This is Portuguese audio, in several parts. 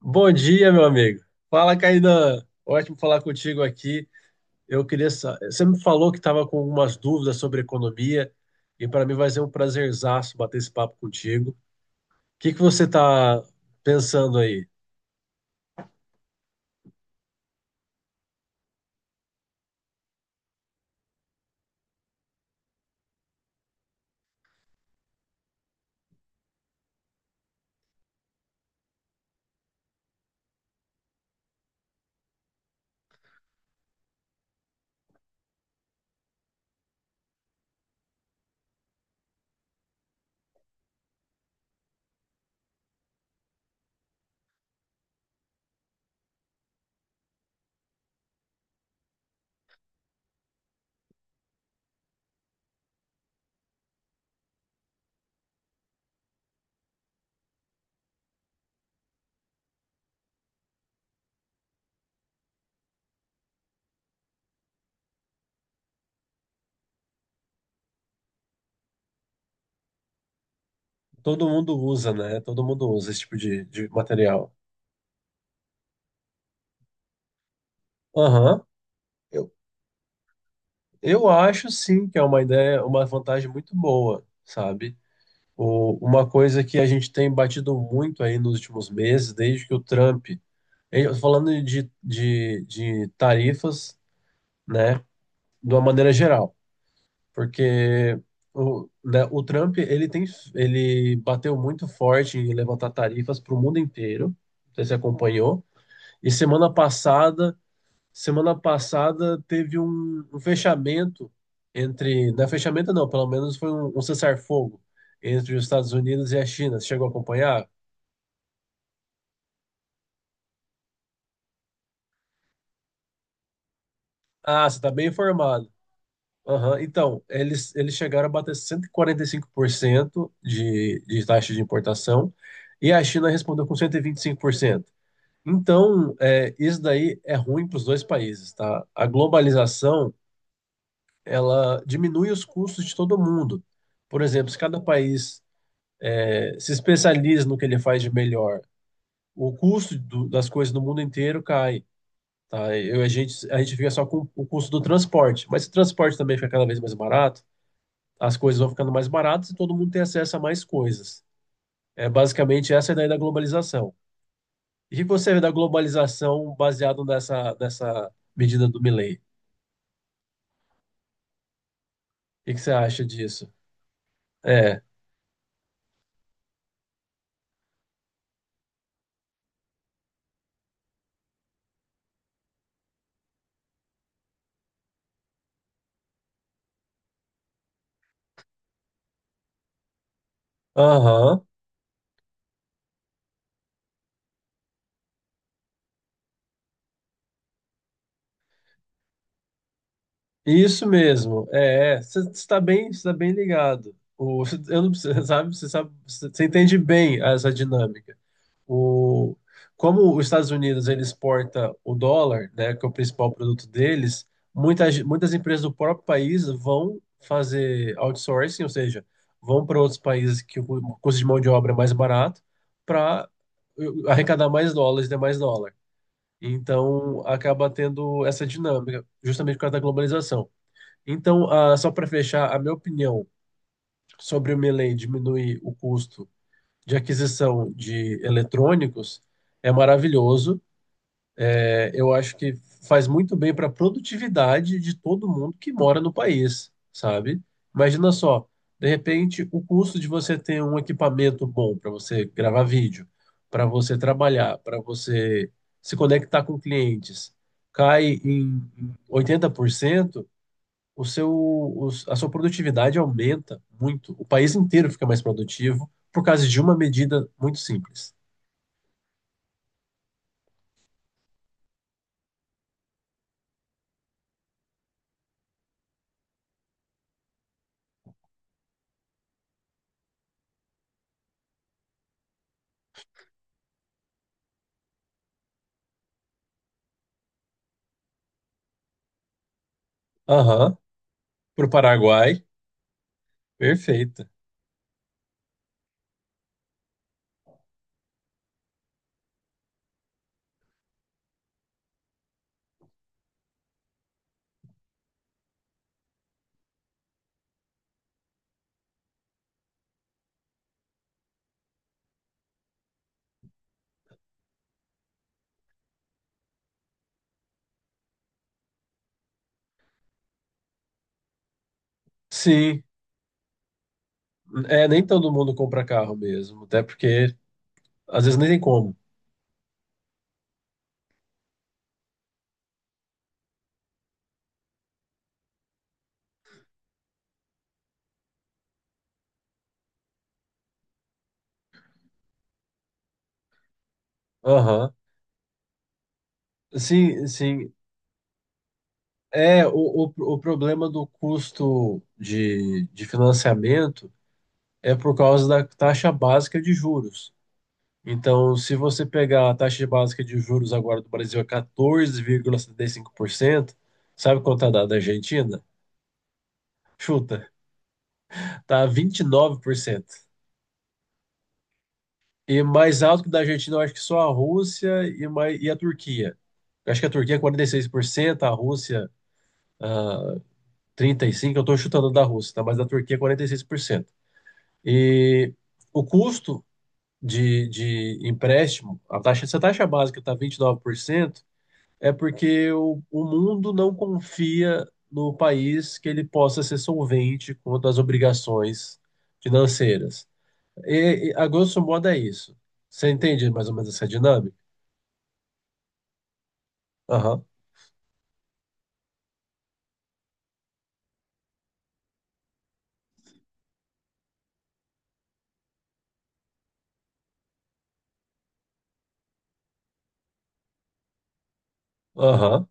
Bom dia, meu amigo. Fala, Cainan. Ótimo falar contigo aqui. Você me falou que estava com algumas dúvidas sobre economia, e para mim vai ser um prazerzaço bater esse papo contigo. O que que você está pensando aí? Todo mundo usa, né? Todo mundo usa esse tipo de material. Aham. Eu, eu acho sim que é uma ideia, uma vantagem muito boa, sabe? Uma coisa que a gente tem batido muito aí nos últimos meses, desde que o Trump. Tô falando de tarifas, né, de uma maneira geral, porque né, o Trump ele bateu muito forte em levantar tarifas para o mundo inteiro. Não sei se você acompanhou? E semana passada teve um, um fechamento. Não é fechamento não, pelo menos foi um cessar-fogo entre os Estados Unidos e a China. Você chegou a acompanhar? Ah, você está bem informado. Aham, então, eles chegaram a bater 145% de taxa de importação e a China respondeu com 125%. Então, é, isso daí é ruim para os dois países, tá? A globalização, ela diminui os custos de todo mundo. Por exemplo, se cada país se especializa no que ele faz de melhor, o custo das coisas no mundo inteiro cai, tá? A gente fica só com o custo do transporte, mas o transporte também fica cada vez mais barato, as coisas vão ficando mais baratas e todo mundo tem acesso a mais coisas. É basicamente essa a ideia da globalização. E o que você vê da globalização baseado nessa medida do Milei? O que que você acha disso? É, aham, isso mesmo. É, é. Você está bem ligado. O, eu não, você sabe, você sabe, você entende bem essa dinâmica. O, como os Estados Unidos ele exporta o dólar, né, que é o principal produto deles, muitas empresas do próprio país vão fazer outsourcing, ou seja, vão para outros países que o custo de mão de obra é mais barato para arrecadar mais dólares e ter mais dólar. Então, acaba tendo essa dinâmica, justamente por causa da globalização. Então, só para fechar, a minha opinião sobre o Melee diminuir o custo de aquisição de eletrônicos é maravilhoso. É, eu acho que faz muito bem para a produtividade de todo mundo que mora no país, sabe? Imagina só, de repente, o custo de você ter um equipamento bom para você gravar vídeo, para você trabalhar, para você se conectar com clientes, cai em 80%, o seu, a sua produtividade aumenta muito. O país inteiro fica mais produtivo por causa de uma medida muito simples. Aham, pro Paraguai. Perfeito. Sim, nem todo mundo compra carro mesmo, até porque às vezes nem tem como. Aham. Sim, sim. É, o problema do custo de financiamento é por causa da taxa básica de juros. Então, se você pegar a taxa básica de juros agora do Brasil é 14,75%, sabe quanto tá da Argentina? Chuta, tá 29%. E mais alto que da Argentina, eu acho que só a Rússia e a Turquia. Eu acho que a Turquia é 46%, a Rússia 35%, eu estou chutando da Rússia, tá? Mas da Turquia é 46%. E 6%. E o custo de empréstimo, se a taxa básica está 29%, é porque o mundo não confia no país que ele possa ser solvente quanto às obrigações financeiras. A grosso modo é isso. Você entende mais ou menos essa dinâmica? Aham,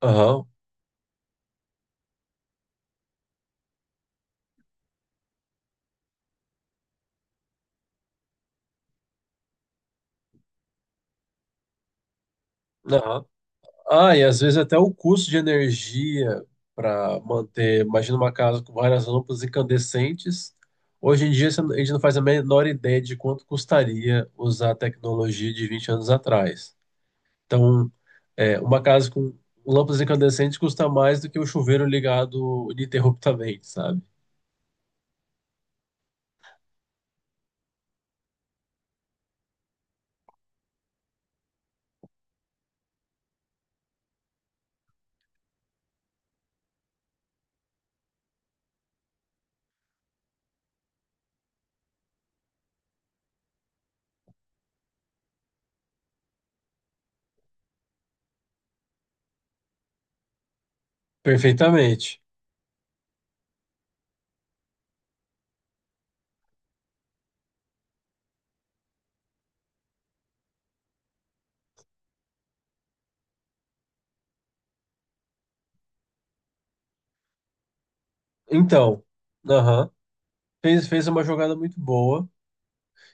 aham, aham. Ah, e às vezes até o custo de energia para manter, imagina uma casa com várias lâmpadas incandescentes. Hoje em dia a gente não faz a menor ideia de quanto custaria usar a tecnologia de 20 anos atrás. Então, uma casa com lâmpadas incandescentes custa mais do que o chuveiro ligado ininterruptamente, sabe? Perfeitamente. Então, aham, fez uma jogada muito boa.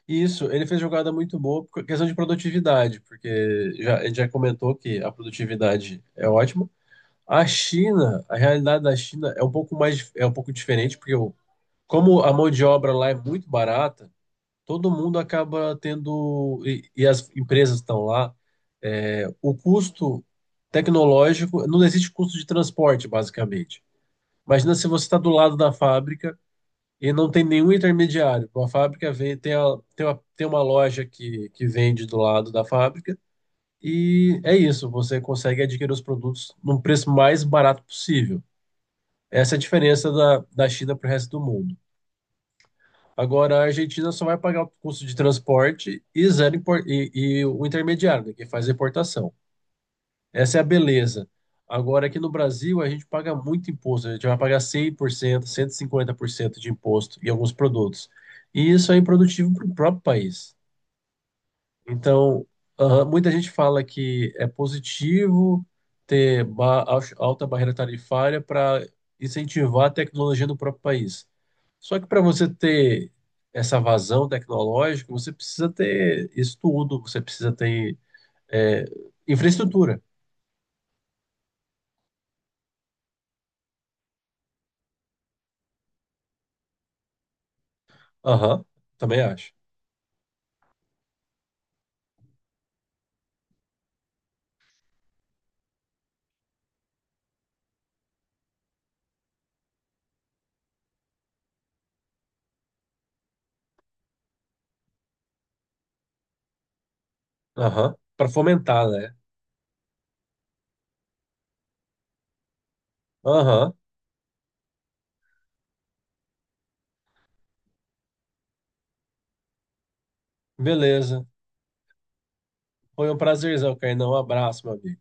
E isso, ele fez jogada muito boa por questão de produtividade, porque ele já comentou que a produtividade é ótima. A China, a realidade da China é um pouco diferente, porque como a mão de obra lá é muito barata, todo mundo acaba tendo, e as empresas estão lá, o custo tecnológico, não existe custo de transporte, basicamente. Imagina se você está do lado da fábrica e não tem nenhum intermediário. A fábrica vem, tem, a, tem uma loja que vende do lado da fábrica, e é isso, você consegue adquirir os produtos num preço mais barato possível. Essa é a diferença da China para o resto do mundo. Agora, a Argentina só vai pagar o custo de transporte e o intermediário, né, que faz a importação. Essa é a beleza. Agora, aqui no Brasil, a gente paga muito imposto. A gente vai pagar 100%, 150% de imposto em alguns produtos. E isso é improdutivo para o próprio país. Então, muita gente fala que é positivo ter alta barreira tarifária para incentivar a tecnologia no próprio país. Só que para você ter essa vazão tecnológica, você precisa ter estudo, você precisa ter é, infraestrutura. Aham, também acho. Aham, para fomentar, né? Aham, beleza. Foi um prazerzão, Kainan. Um abraço, meu amigo.